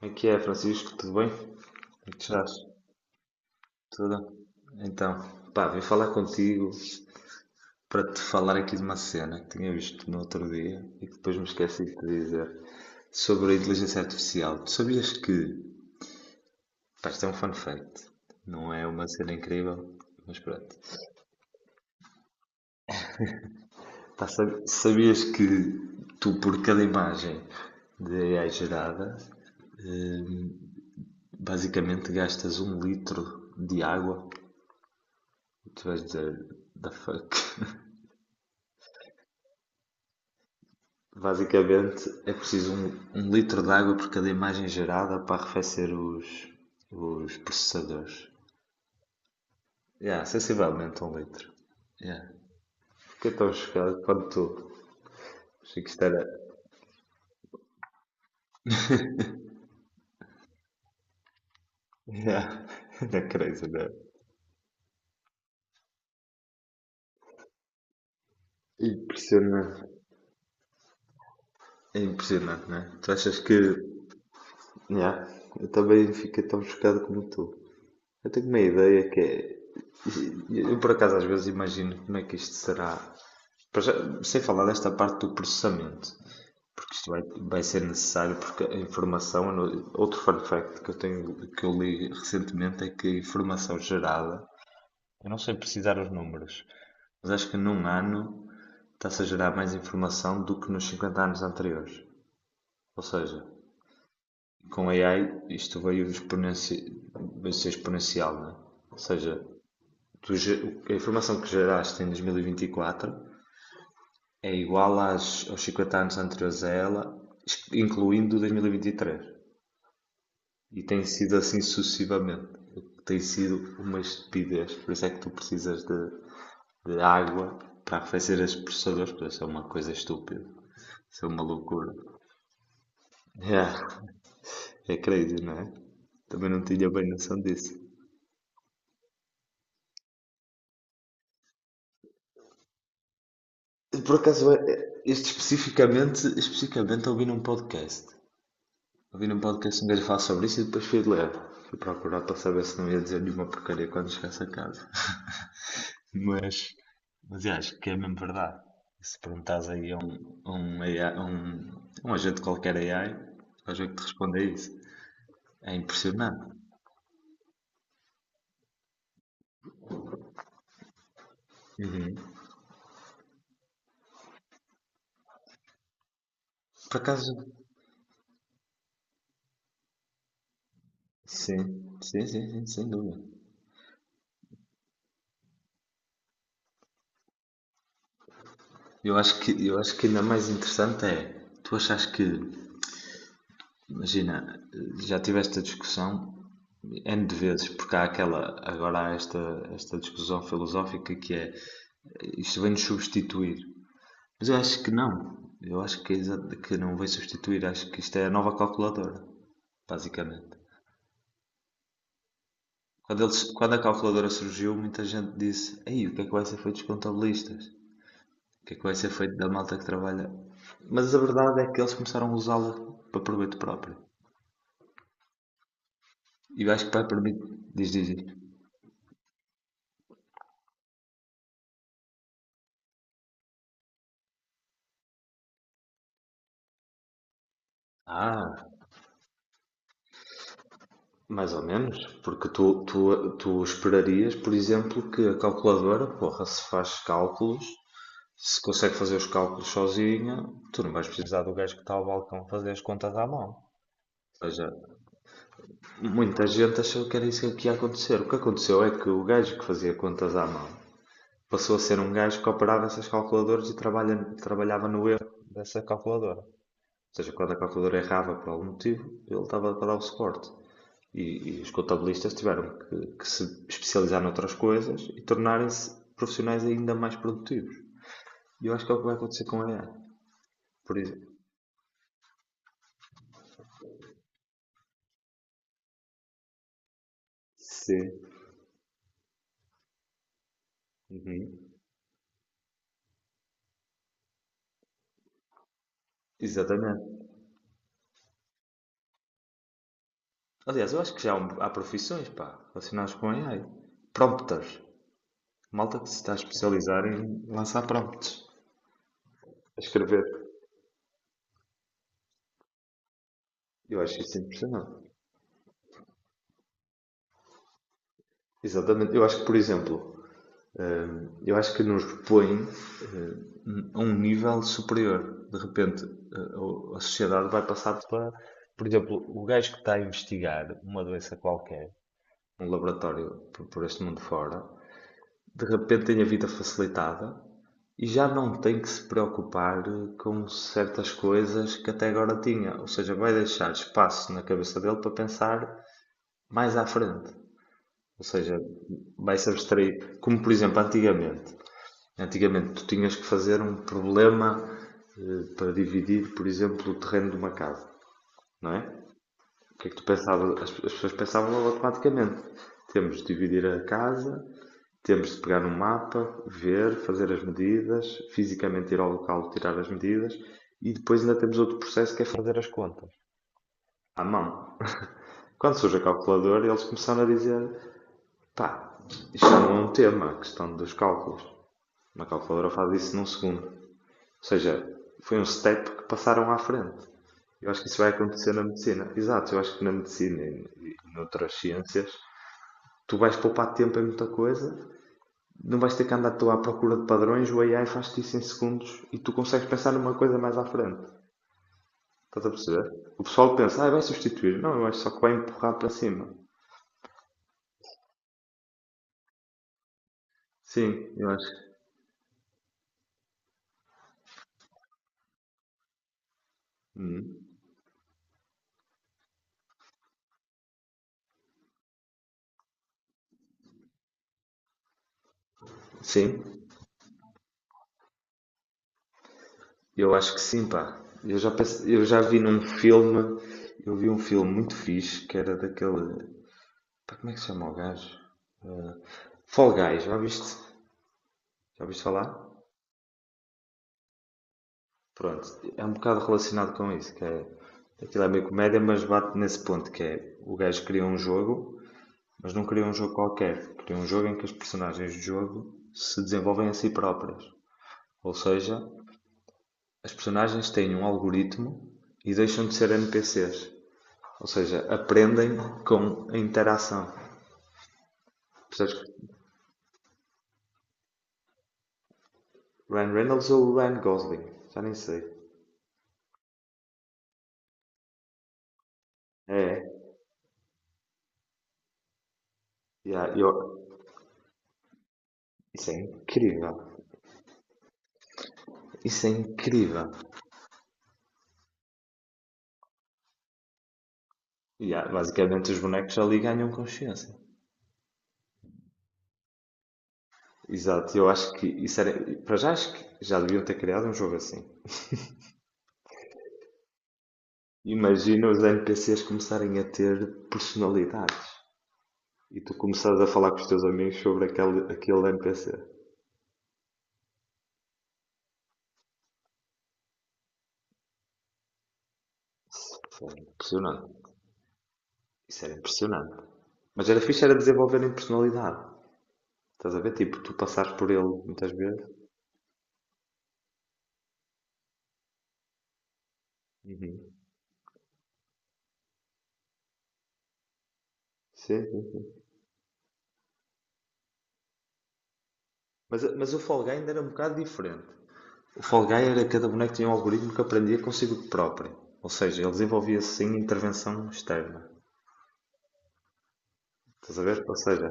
Como é que é, Francisco? Tudo bem? Como é que estás? Tudo? Então, pá, vim falar contigo para te falar aqui de uma cena que tinha visto no outro dia e que depois me esqueci de te dizer sobre a inteligência artificial. Tu sabias que, pá, isto é um fun fact, não é uma cena incrível, mas pronto. Pá, sabias que tu, por cada imagem de AI gerada, hum, basicamente gastas um litro de água? Tu vais dizer, the fuck? Basicamente é preciso um litro de água por cada imagem gerada para arrefecer os processadores. Yeah, sensivelmente um litro. Yeah. Fiquei tão chocado quanto tu. Achei que isto era. Yeah. Era crazy, não é? Impressionante. É impressionante, não é? Tu achas que. Yeah. Eu também fiquei tão chocado como tu. Eu tenho uma ideia que é. Eu por acaso às vezes imagino como é que isto será. Sem falar desta parte do processamento. Porque isto vai ser necessário, porque a informação, outro fun fact que eu tenho, que eu li recentemente é que a informação gerada, eu não sei precisar os números, mas acho que num ano está-se a gerar mais informação do que nos 50 anos anteriores. Ou seja, com a AI isto veio, veio ser exponencial, não é? Ou seja, tu, a informação que geraste em 2024 é igual às, aos 50 anos anteriores a ela, incluindo 2023. E tem sido assim sucessivamente. Tem sido uma estupidez. Por isso é que tu precisas de água para fazer as processadores, porque isso é uma coisa estúpida. Isso é uma loucura. É, é crazy, não é? Também não tinha bem noção disso. Por acaso, este especificamente ouvi num podcast. Ouvi num podcast um gajo falar sobre isso e depois fui de ler. Fui procurar para saber se não ia dizer nenhuma porcaria quando chegasse a casa. Mas, mas eu acho que é mesmo verdade. Se perguntas aí a um, AI, a um agente qualquer AI, vais ver que te responde a isso. É impressionante. Uhum. Por acaso, sim, sim, sim, sim, sem dúvida. Eu acho que ainda mais interessante é, tu achas que, imagina, já tiveste a discussão N de vezes, porque há aquela, agora há esta discussão filosófica que é, isto vem-nos substituir. Mas eu acho que não. Eu acho que, que não vai substituir. Acho que isto é a nova calculadora, basicamente. Quando a calculadora surgiu, muita gente disse: Ei, o que é que vai ser feito dos contabilistas? O que é que vai ser feito da malta que trabalha? Mas a verdade é que eles começaram a usá-la para proveito próprio. E eu acho que vai permitir. Diz, diz, diz. Ah, mais ou menos, porque tu esperaria, por exemplo, que a calculadora, porra, se faz cálculos. Se consegue fazer os cálculos sozinha, tu não vais precisar do gajo que está ao balcão fazer as contas à mão. Ou seja, muita gente achou que era isso que ia acontecer. O que aconteceu é que o gajo que fazia contas à mão passou a ser um gajo que operava essas calculadoras e trabalhava no erro dessa calculadora. Ou seja, quando a calculadora errava por algum motivo, ele estava para dar o suporte. E, e os contabilistas tiveram que se especializar noutras coisas e tornarem-se profissionais ainda mais produtivos. E eu acho que é o que vai acontecer com a AI. Por, ex- Sim. Uhum. Exatamente. Aliás, eu acho que há profissões, pá, relacionadas com AI. Prompters. Malta que se está a especializar em lançar prompts. A escrever. Eu acho isso impressionante. Exatamente. Eu acho que, por exemplo, eu acho que nos põe a um nível superior. De repente, a sociedade vai passar para, por exemplo, o gajo que está a investigar uma doença qualquer, um laboratório por este mundo fora, de repente tem a vida facilitada. E já não tem que se preocupar com certas coisas que até agora tinha. Ou seja, vai deixar espaço na cabeça dele para pensar mais à frente. Ou seja, vai se abstrair. Como, por exemplo, antigamente. Antigamente tu tinhas que fazer um problema para dividir, por exemplo, o terreno de uma casa, não é? O que é que tu pensavas? As pessoas pensavam automaticamente. Temos de dividir a casa, temos de pegar no mapa, ver, fazer as medidas, fisicamente ir ao local tirar as medidas e depois ainda temos outro processo que é fazer as contas à mão. Quando surge a calculadora, eles começaram a dizer: pá, isto não é um tema, a questão dos cálculos. Uma calculadora faz isso num segundo. Ou seja, foi um step que passaram à frente. Eu acho que isso vai acontecer na medicina. Exato, eu acho que na medicina e noutras ciências tu vais poupar tempo em muita coisa, não vais ter que andar tu à procura de padrões, o AI faz-te isso em segundos e tu consegues pensar numa coisa mais à frente. Estás a perceber? O pessoal pensa, ah, vai substituir. Não, eu acho só que vai empurrar para cima. Sim, eu acho. Hum. Sim, eu acho que sim, pá. Eu já vi num filme, eu vi um filme muito fixe que era daquele. Pá, como é que se chama o gajo? Fall Guys, já viste? Já viste falar? Pronto, é um bocado relacionado com isso, que é. Aquilo é meio comédia, mas bate nesse ponto que é o gajo cria um jogo. Mas não queria um jogo qualquer, queria um jogo em que as personagens do jogo se desenvolvem a si próprias. Ou seja, as personagens têm um algoritmo e deixam de ser NPCs. Ou seja, aprendem com a interação. Percebes? Ryan Reynolds ou Ryan Gosling? Já nem sei. É, yeah, isso é incrível. Isso é incrível. Yeah, basicamente, os bonecos ali ganham consciência. Exato, eu acho que isso era. Para já, acho que já deviam ter criado um jogo assim. Imagina os NPCs começarem a ter personalidades e tu começares a falar com os teus amigos sobre aquele NPC. Isso era impressionante. Isso era impressionante. Mas era fixe era desenvolverem personalidade. Estás a ver? Tipo, tu passares por ele muitas vezes. Uhum. Sim, sim, sim. Mas o Fall Guy ainda era um bocado diferente. O Fall Guy era cada boneco tinha um algoritmo que aprendia consigo próprio. Ou seja, ele desenvolvia-se sem intervenção externa. Estás a ver? Ou seja,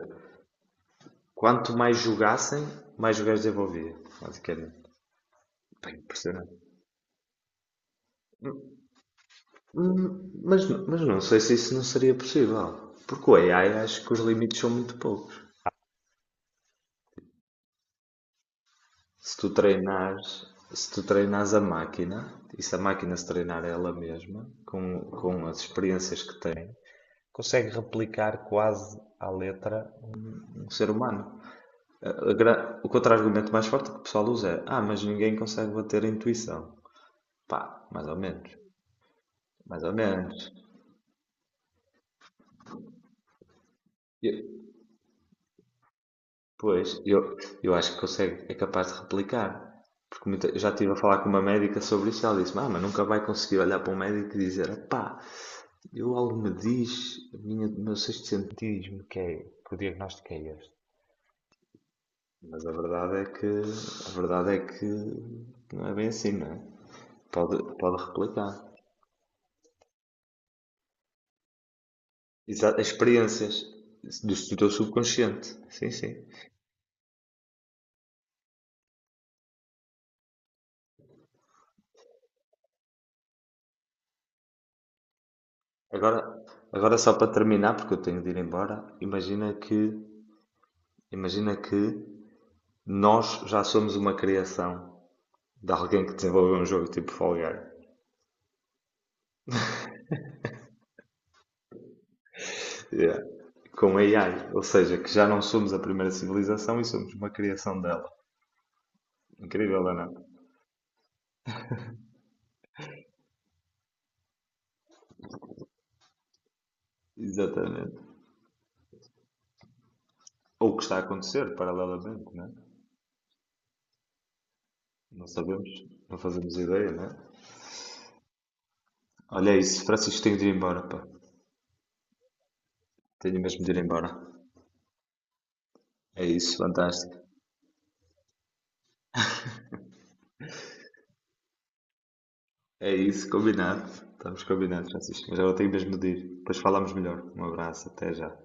quanto mais jogassem, mais o gajo desenvolvia, basicamente. Bem impressionante. Mas não sei se isso não seria possível. Porque o AI acho que os limites são muito poucos. Se tu treinares, se tu treinares a máquina, e se a máquina se treinar ela mesma, com as experiências que tem, consegue replicar quase à letra um ser humano. O contra-argumento mais forte que o pessoal usa é: ah, mas ninguém consegue bater a intuição. Pá, mais ou menos. Mais ou menos. Pois, eu acho que consegue, é capaz de replicar. Porque eu já estive a falar com uma médica sobre isso e ela disse: Ah, mas nunca vai conseguir olhar para um médico e dizer: Pá, eu algo me diz, a minha, o meu sexto sentido diz-me que o diagnóstico é este. Mas a verdade é que não é bem assim, não é? Pode replicar. Exato, as experiências do teu subconsciente. Sim, sim. Agora, agora só para terminar, porque eu tenho de ir embora, imagina que, imagina que nós já somos uma criação de alguém que desenvolveu um jogo tipo Fall Guys, eh, com AI, ou seja, que já não somos a primeira civilização e somos uma criação dela. Incrível, não é? Exatamente. Ou o que está a acontecer paralelamente, não é? Não sabemos, não fazemos ideia, não é? Olha, é isso, Francisco, tenho de ir embora, pá. Tenho mesmo de ir embora. É isso, fantástico. É isso, combinado. Estamos combinados, Francisco. Mas agora tenho mesmo de ir. Depois falamos melhor. Um abraço, até já.